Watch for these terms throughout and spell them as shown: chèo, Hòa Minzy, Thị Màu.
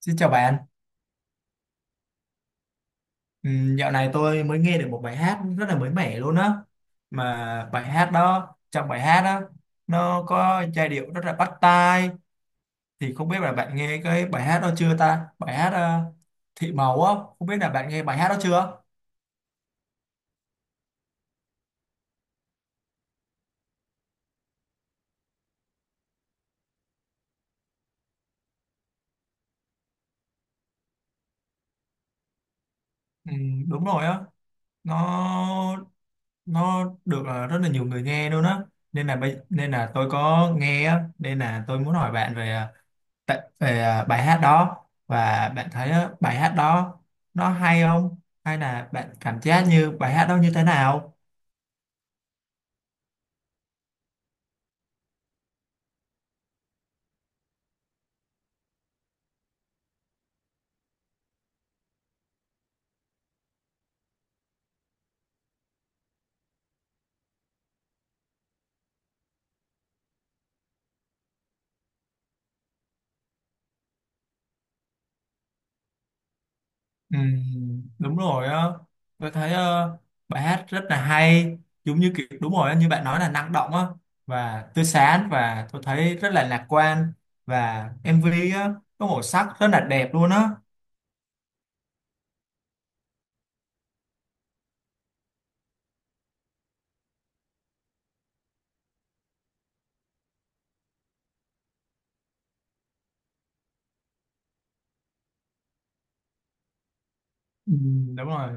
Xin chào bạn. Dạo này tôi mới nghe được một bài hát rất là mới mẻ luôn á. Mà bài hát đó, Trong bài hát đó, nó có giai điệu rất là bắt tai. Thì không biết là bạn nghe cái bài hát đó chưa ta? Bài hát Thị Màu á, không biết là bạn nghe bài hát đó chưa? Đúng rồi á, nó nó được rất là nhiều người nghe luôn á. Nên là tôi có nghe á, nên là tôi muốn hỏi bạn về bài hát đó, và bạn thấy á, bài hát đó nó hay không, hay là bạn cảm giác như bài hát đó như thế nào. Ừm, Đúng rồi á, tôi thấy bài hát rất là hay, giống như kiểu đúng rồi á, như bạn nói là năng động á, và tươi sáng, và tôi thấy rất là lạc quan, và MV á có màu sắc rất là đẹp luôn á. Đúng rồi.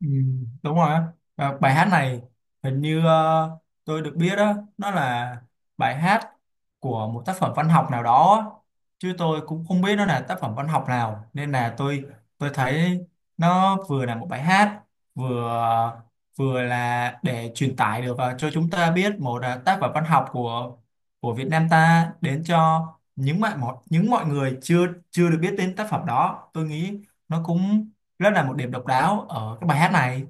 Ừ, đúng rồi á. Và bài hát này, hình như tôi được biết đó nó là bài hát của một tác phẩm văn học nào đó á, chứ tôi cũng không biết nó là tác phẩm văn học nào. Nên là tôi thấy nó vừa là một bài hát, vừa vừa là để truyền tải được cho chúng ta biết một tác phẩm văn học của Việt Nam ta đến cho những mọi người chưa chưa được biết đến tác phẩm đó. Tôi nghĩ nó cũng rất là một điểm độc đáo ở cái bài hát này.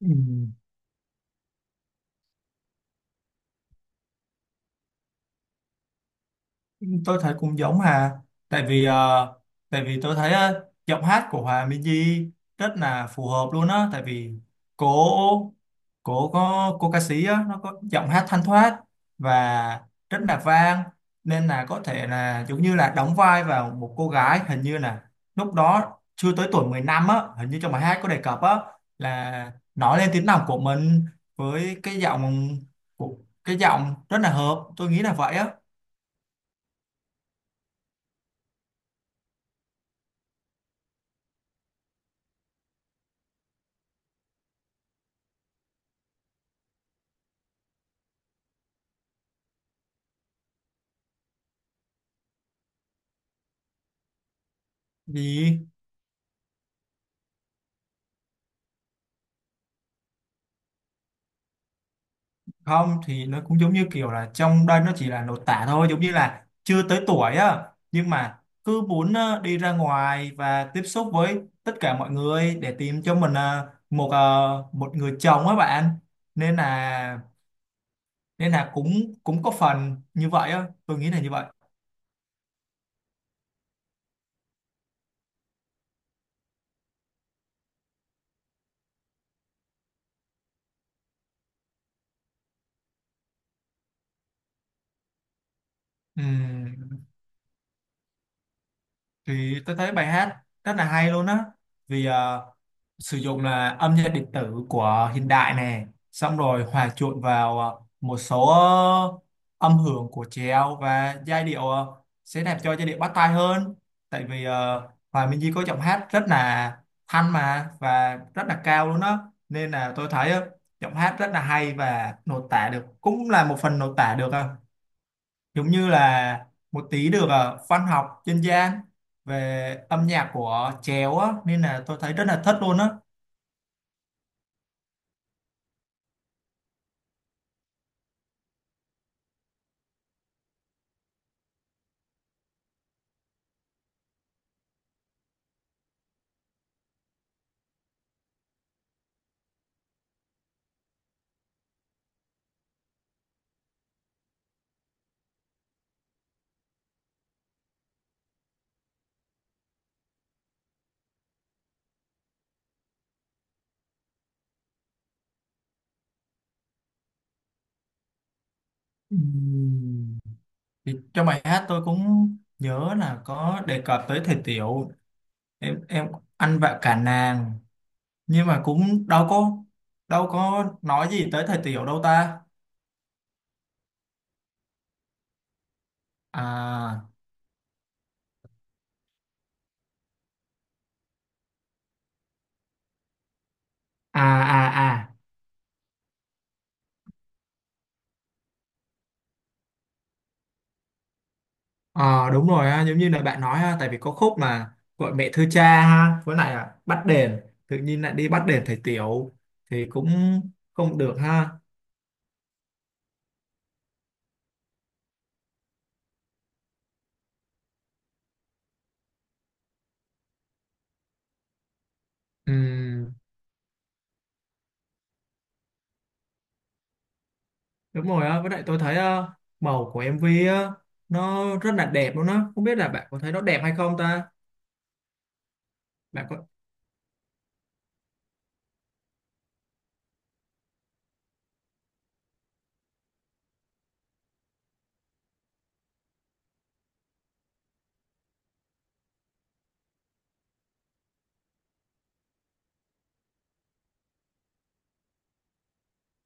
Ừ, tôi thấy cũng giống Hà, tại vì ờ, tại vì tôi thấy giọng hát của Hòa Minzy rất là phù hợp luôn á. Tại vì cô cô có cô ca sĩ á nó có giọng hát thanh thoát và rất là vang, nên là có thể là giống như là đóng vai vào một cô gái, hình như là lúc đó chưa tới tuổi 15 á, hình như trong bài hát có đề cập á, là nói lên tiếng lòng của mình. Với cái giọng của cái giọng rất là hợp, tôi nghĩ là vậy á. Vì không thì nó cũng giống như kiểu là trong đây nó chỉ là lột tả thôi, giống như là chưa tới tuổi á, nhưng mà cứ muốn đi ra ngoài và tiếp xúc với tất cả mọi người để tìm cho mình một người chồng á bạn. nên là Nên là cũng cũng có phần như vậy á, tôi nghĩ là như vậy. Ừm, thì tôi thấy bài hát rất là hay luôn á, vì ờ, sử dụng là âm nhạc điện tử của hiện đại này, xong rồi hòa trộn vào một số âm hưởng của trèo, và giai điệu sẽ làm cho giai điệu bắt tai hơn. Tại vì Hòa Minh Di có giọng hát rất là thanh mà và rất là cao luôn đó, nên là tôi thấy giọng hát rất là hay và nội tả được, cũng là một phần nội tả được giống như là một tí được văn học dân gian về âm nhạc của trèo á, nên là tôi thấy rất là thích luôn á. Ừm. Thì trong bài hát tôi cũng nhớ là có đề cập tới thầy Tiểu, em ăn vạ cả nàng, nhưng mà cũng đâu có nói gì tới thầy Tiểu đâu ta. À à à à. Ờ, Đúng rồi ha, giống như là bạn nói ha, tại vì có khúc mà gọi mẹ thưa cha ha, với lại là bắt đền, tự nhiên lại đi bắt đền thầy Tiểu thì cũng không được ha. Ừm, Đúng rồi á, với lại tôi thấy màu của MV á, nó rất là đẹp luôn á. Không biết là bạn có thấy nó đẹp hay không ta? Bạn có.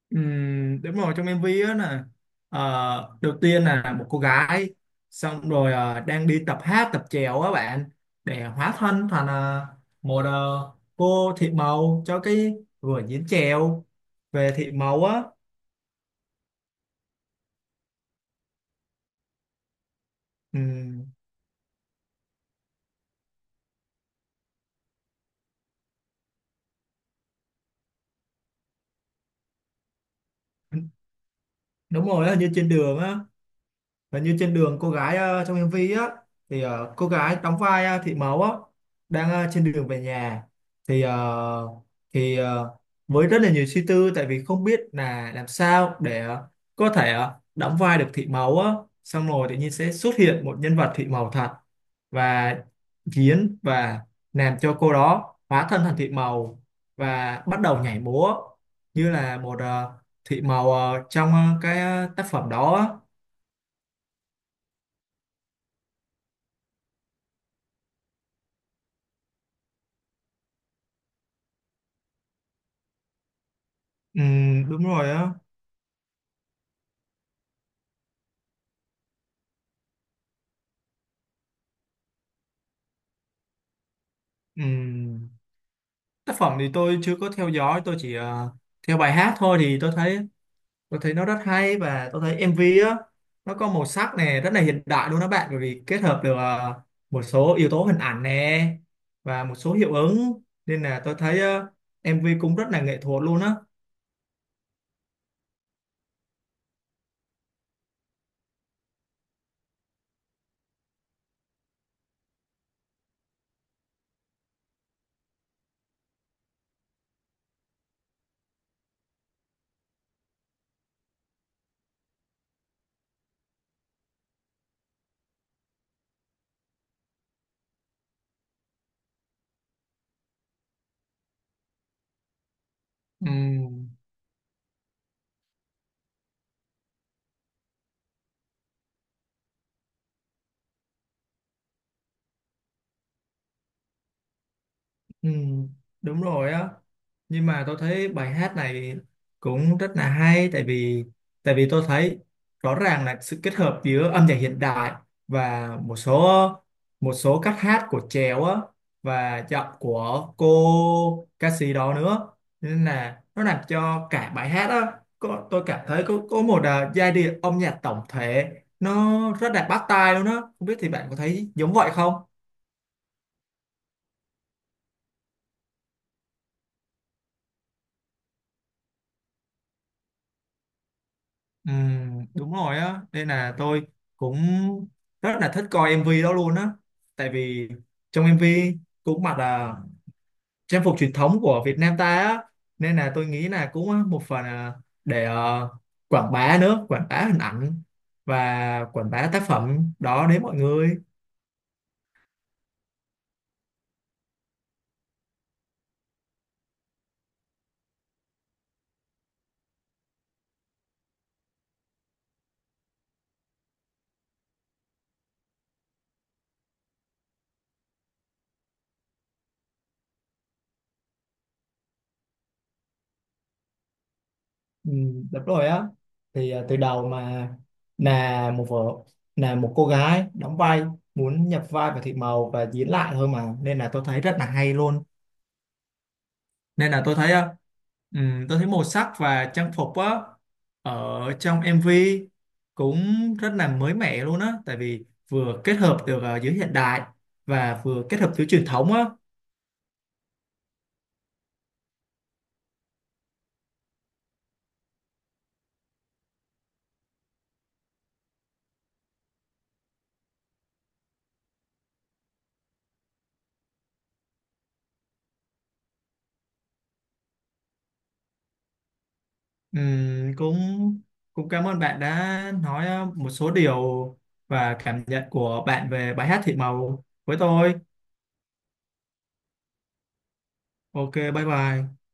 Đúng rồi, trong MV á là đầu tiên là một cô gái, xong rồi đang đi tập hát tập chèo á bạn, để hóa thân thành một ờ, cô thị màu cho cái vở diễn chèo về thị màu á. Ừm, Đúng rồi á, như trên đường á. Và như trên đường cô gái trong MV á, thì cô gái đóng vai Thị Mẫu á đang trên đường về nhà, thì ờ, thì ờ, với rất là nhiều suy tư, tại vì không biết là làm sao để có thể đóng vai được Thị Mẫu á. Xong rồi tự nhiên sẽ xuất hiện một nhân vật Thị Mẫu thật, và diễn và làm cho cô đó hóa thân thành Thị Mẫu và bắt đầu nhảy múa, như là một Thị Mẫu trong tác phẩm đó á. Ừ, đúng rồi á. Ừ, tác phẩm thì tôi chưa có theo dõi, tôi chỉ theo bài hát thôi. Thì tôi thấy Tôi thấy nó rất hay, và tôi thấy MV á nó có màu sắc này rất là hiện đại luôn đó bạn, bởi vì kết hợp được một số yếu tố hình ảnh nè và một số hiệu ứng, nên là tôi thấy MV cũng rất là nghệ thuật luôn á. Ừ. Ừ, đúng rồi á, nhưng mà tôi thấy bài hát này cũng rất là hay, tại vì tôi thấy rõ ràng là sự kết hợp giữa âm nhạc hiện đại và một số cách hát của chèo á, và giọng của cô ca sĩ đó nữa, nên là nó làm cho cả bài hát á có, tôi cảm thấy có một giai điệu âm nhạc tổng thể nó rất là bắt tai luôn á. Không biết thì bạn có thấy giống vậy không? Ừ, đúng rồi á, nên là tôi cũng rất là thích coi MV đó luôn á, tại vì trong MV cũng mặc là trang phục truyền thống của Việt Nam ta á, nên là tôi nghĩ là cũng một phần là để quảng bá nữa, quảng bá hình ảnh và quảng bá tác phẩm đó đến mọi người. Ừ, đúng rồi á. Từ đầu mà là một vợ là một cô gái đóng vai muốn nhập vai vào Thị Màu và diễn lại thôi mà, nên là tôi thấy rất là hay luôn. Nên là tôi thấy tôi thấy màu sắc và trang phục á ở trong MV cũng rất là mới mẻ luôn á, tại vì vừa kết hợp được giữa hiện đại và vừa kết hợp giữa truyền thống á. Cũng cũng cảm ơn bạn đã nói một số điều và cảm nhận của bạn về bài hát Thị Màu với tôi. Ok, bye bye.